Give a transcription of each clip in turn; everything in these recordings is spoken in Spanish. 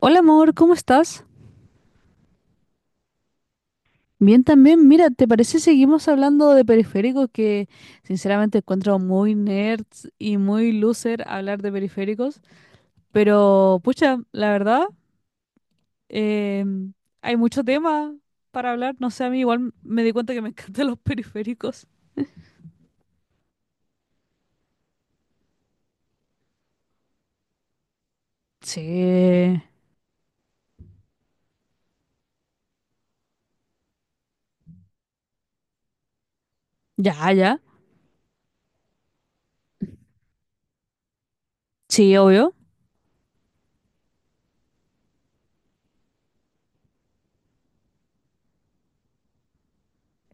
Hola amor, ¿cómo estás? Bien también, mira, ¿te parece seguimos hablando de periféricos que sinceramente encuentro muy nerds y muy loser hablar de periféricos? Pero pucha, la verdad, eh, hay mucho tema para hablar, no sé, a mí igual me di cuenta que me encantan los periféricos. Sí, ya, ya, sí, obvio,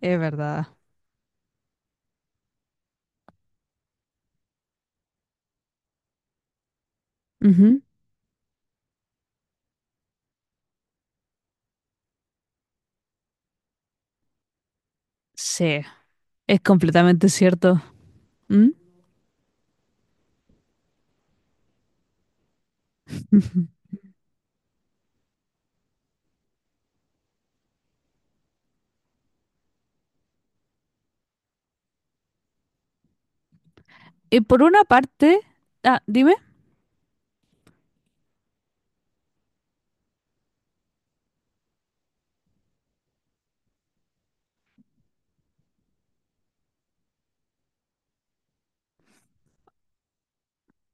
es verdad. Ujú. Sí, es completamente cierto. ¿Mm? Y por una parte, ah, dime.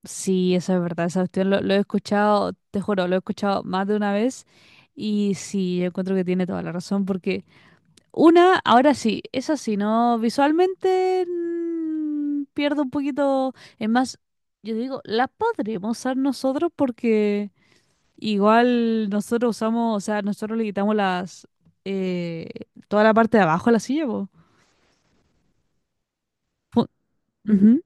Sí, eso es verdad, esa cuestión lo he escuchado, te juro, lo he escuchado más de una vez y sí, yo encuentro que tiene toda la razón porque una, ahora sí, es así, ¿no? Visualmente pierdo un poquito, es más, yo digo, la podremos usar nosotros porque igual nosotros usamos, o sea, nosotros le quitamos las, eh, toda la parte de abajo a la silla, po. Pu- Ujú.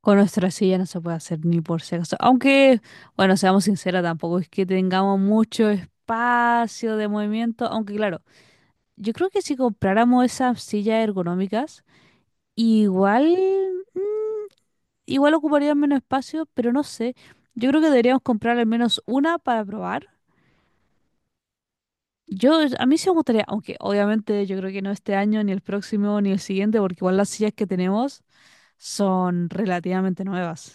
Con nuestra silla no se puede hacer ni por si acaso. Aunque, bueno, seamos sinceros, tampoco es que tengamos mucho espacio de movimiento. Aunque, claro, yo creo que si compráramos esas sillas ergonómicas, igual, mm, igual ocuparían menos espacio, pero no sé. Yo creo que deberíamos comprar al menos una para probar. Yo, a mí sí me gustaría, aunque obviamente yo creo que no este año, ni el próximo, ni el siguiente, porque igual las sillas que tenemos son relativamente nuevas.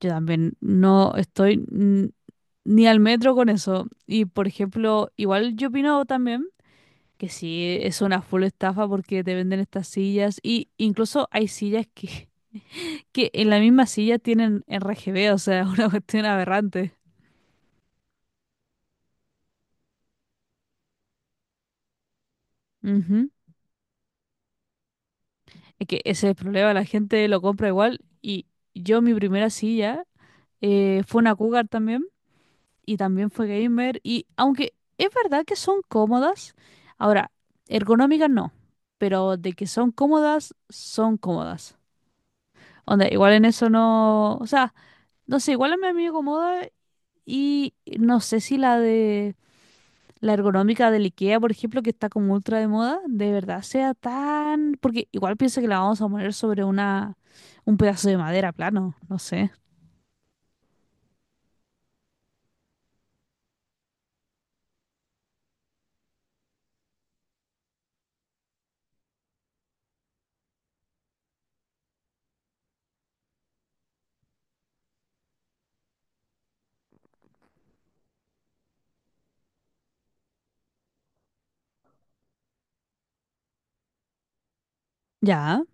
Yo también no estoy ni al metro con eso. Y por ejemplo, igual yo opino también que sí, es una full estafa porque te venden estas sillas y incluso hay sillas que, que en la misma silla tienen RGB, o sea, una cuestión aberrante. Ujú. Es que ese es el problema, la gente lo compra igual y yo mi primera silla fue una Cougar también y también fue gamer. Y aunque es verdad que son cómodas, ahora, ergonómicas no, pero de que son cómodas, son cómodas. Onda, igual en eso no. O sea, no sé, igual a mí me acomoda y no sé si la de. La ergonómica del IKEA, por ejemplo, que está como ultra de moda, de verdad sea tan. Porque igual pienso que la vamos a poner sobre una. Un pedazo de madera plano, no sé. Ya.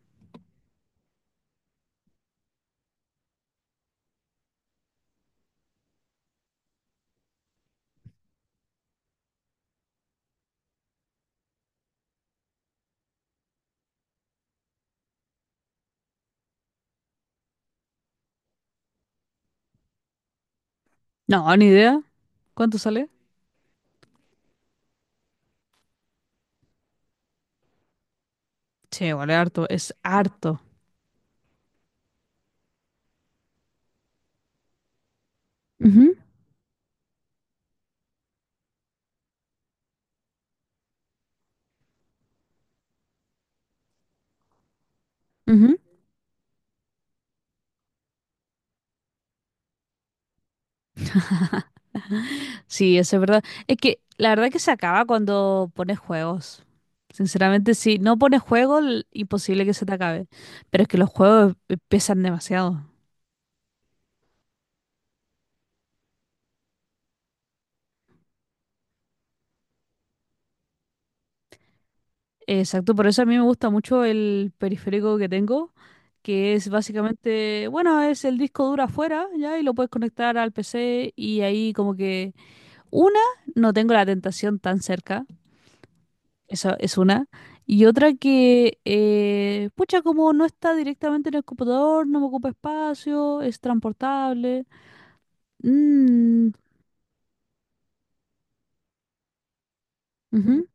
No, ni idea. ¿Cuánto sale? Sí, igual es harto, es harto. Ujú. Ujú. Sí, eso es verdad. Es que la verdad que se acaba cuando pones juegos. Sinceramente, si no pones juegos, imposible que se te acabe. Pero es que los juegos pesan demasiado. Exacto, por eso a mí me gusta mucho el periférico que tengo, que es básicamente, bueno, es el disco duro afuera, ya, y lo puedes conectar al PC y ahí como que, una, no tengo la tentación tan cerca. Esa es una. Y otra que, pucha, como no está directamente en el computador, no me ocupa espacio, es transportable. Mm, ujú,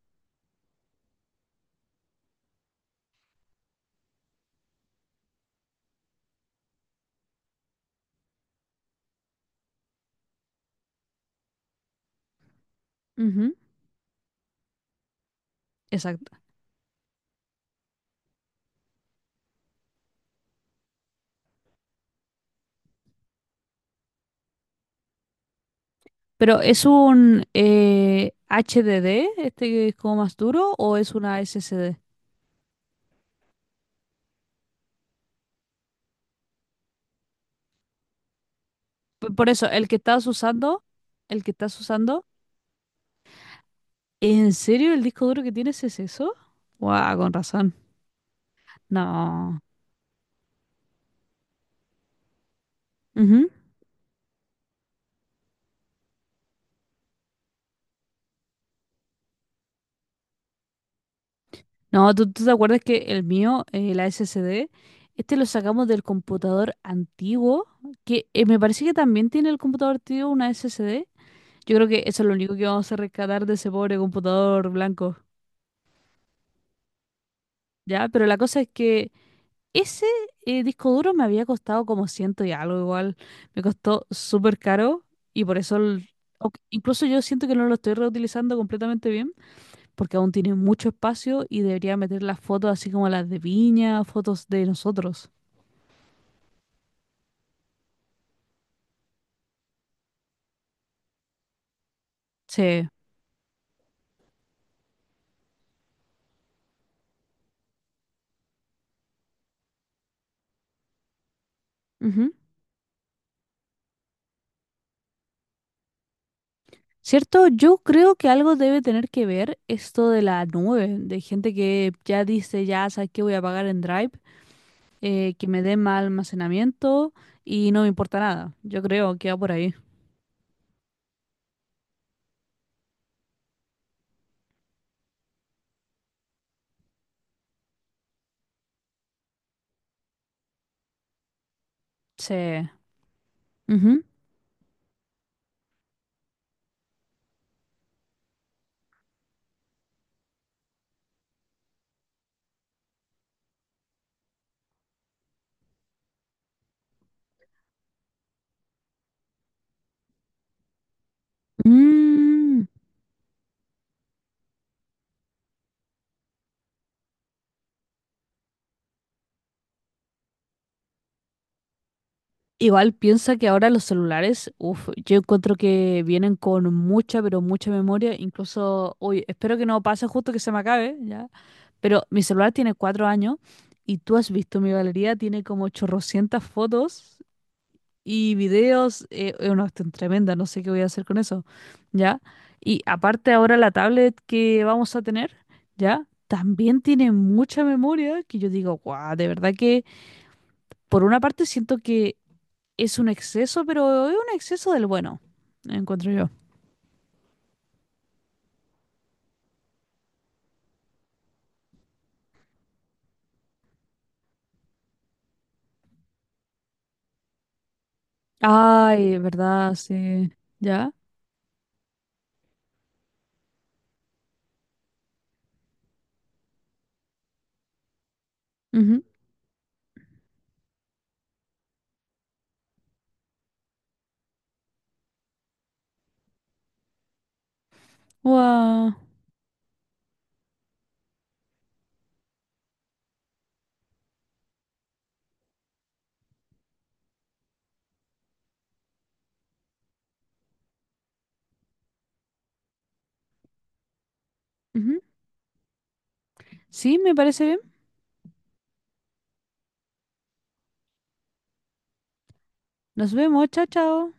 ujú, exacto. Pero ¿es un HDD, este que es como más duro, o es una SSD? Por eso, el que estás usando, el que estás usando, ¿en serio el disco duro que tienes es eso? Guau, con razón. No. No, ¿tú, tú te acuerdas que el mío, la SSD, este lo sacamos del computador antiguo, que me parece que también tiene el computador antiguo una SSD. Yo creo que eso es lo único que vamos a rescatar de ese pobre computador blanco, ¿ya? Pero la cosa es que ese disco duro me había costado como ciento y algo igual. Me costó súper caro y por eso, incluso yo siento que no lo estoy reutilizando completamente porque aún tiene mucho espacio y debería meter las fotos así como las de Viña, fotos de nosotros. Sí. Ujú. Cierto, yo creo que algo debe tener que ver esto de la nube, de gente que ya dice, ya sabes que voy a pagar en Drive, que me dé más almacenamiento y no me importa nada. Yo creo que va por ahí. Sí. Ujú. Mm, Igual piensa que ahora los celulares, uf, yo encuentro que vienen con mucha, pero mucha memoria. Incluso, uy, espero que no pase justo que se me acabe, ya. Pero mi celular tiene 4 años y tú has visto mi galería, tiene como chorrocientas fotos y videos. No, están tremendas, no sé qué voy a hacer con eso, ya. Y aparte ahora la tablet que vamos a tener, ya, también tiene mucha memoria que yo digo, guau, de verdad que por una parte siento que es un exceso, pero es un exceso del bueno, encuentro yo. Ay, ¿verdad? Sí. ¿Ya? Ujú. Guau. Ujú. Sí, me parece bien. Nos vemos. Chao, chao.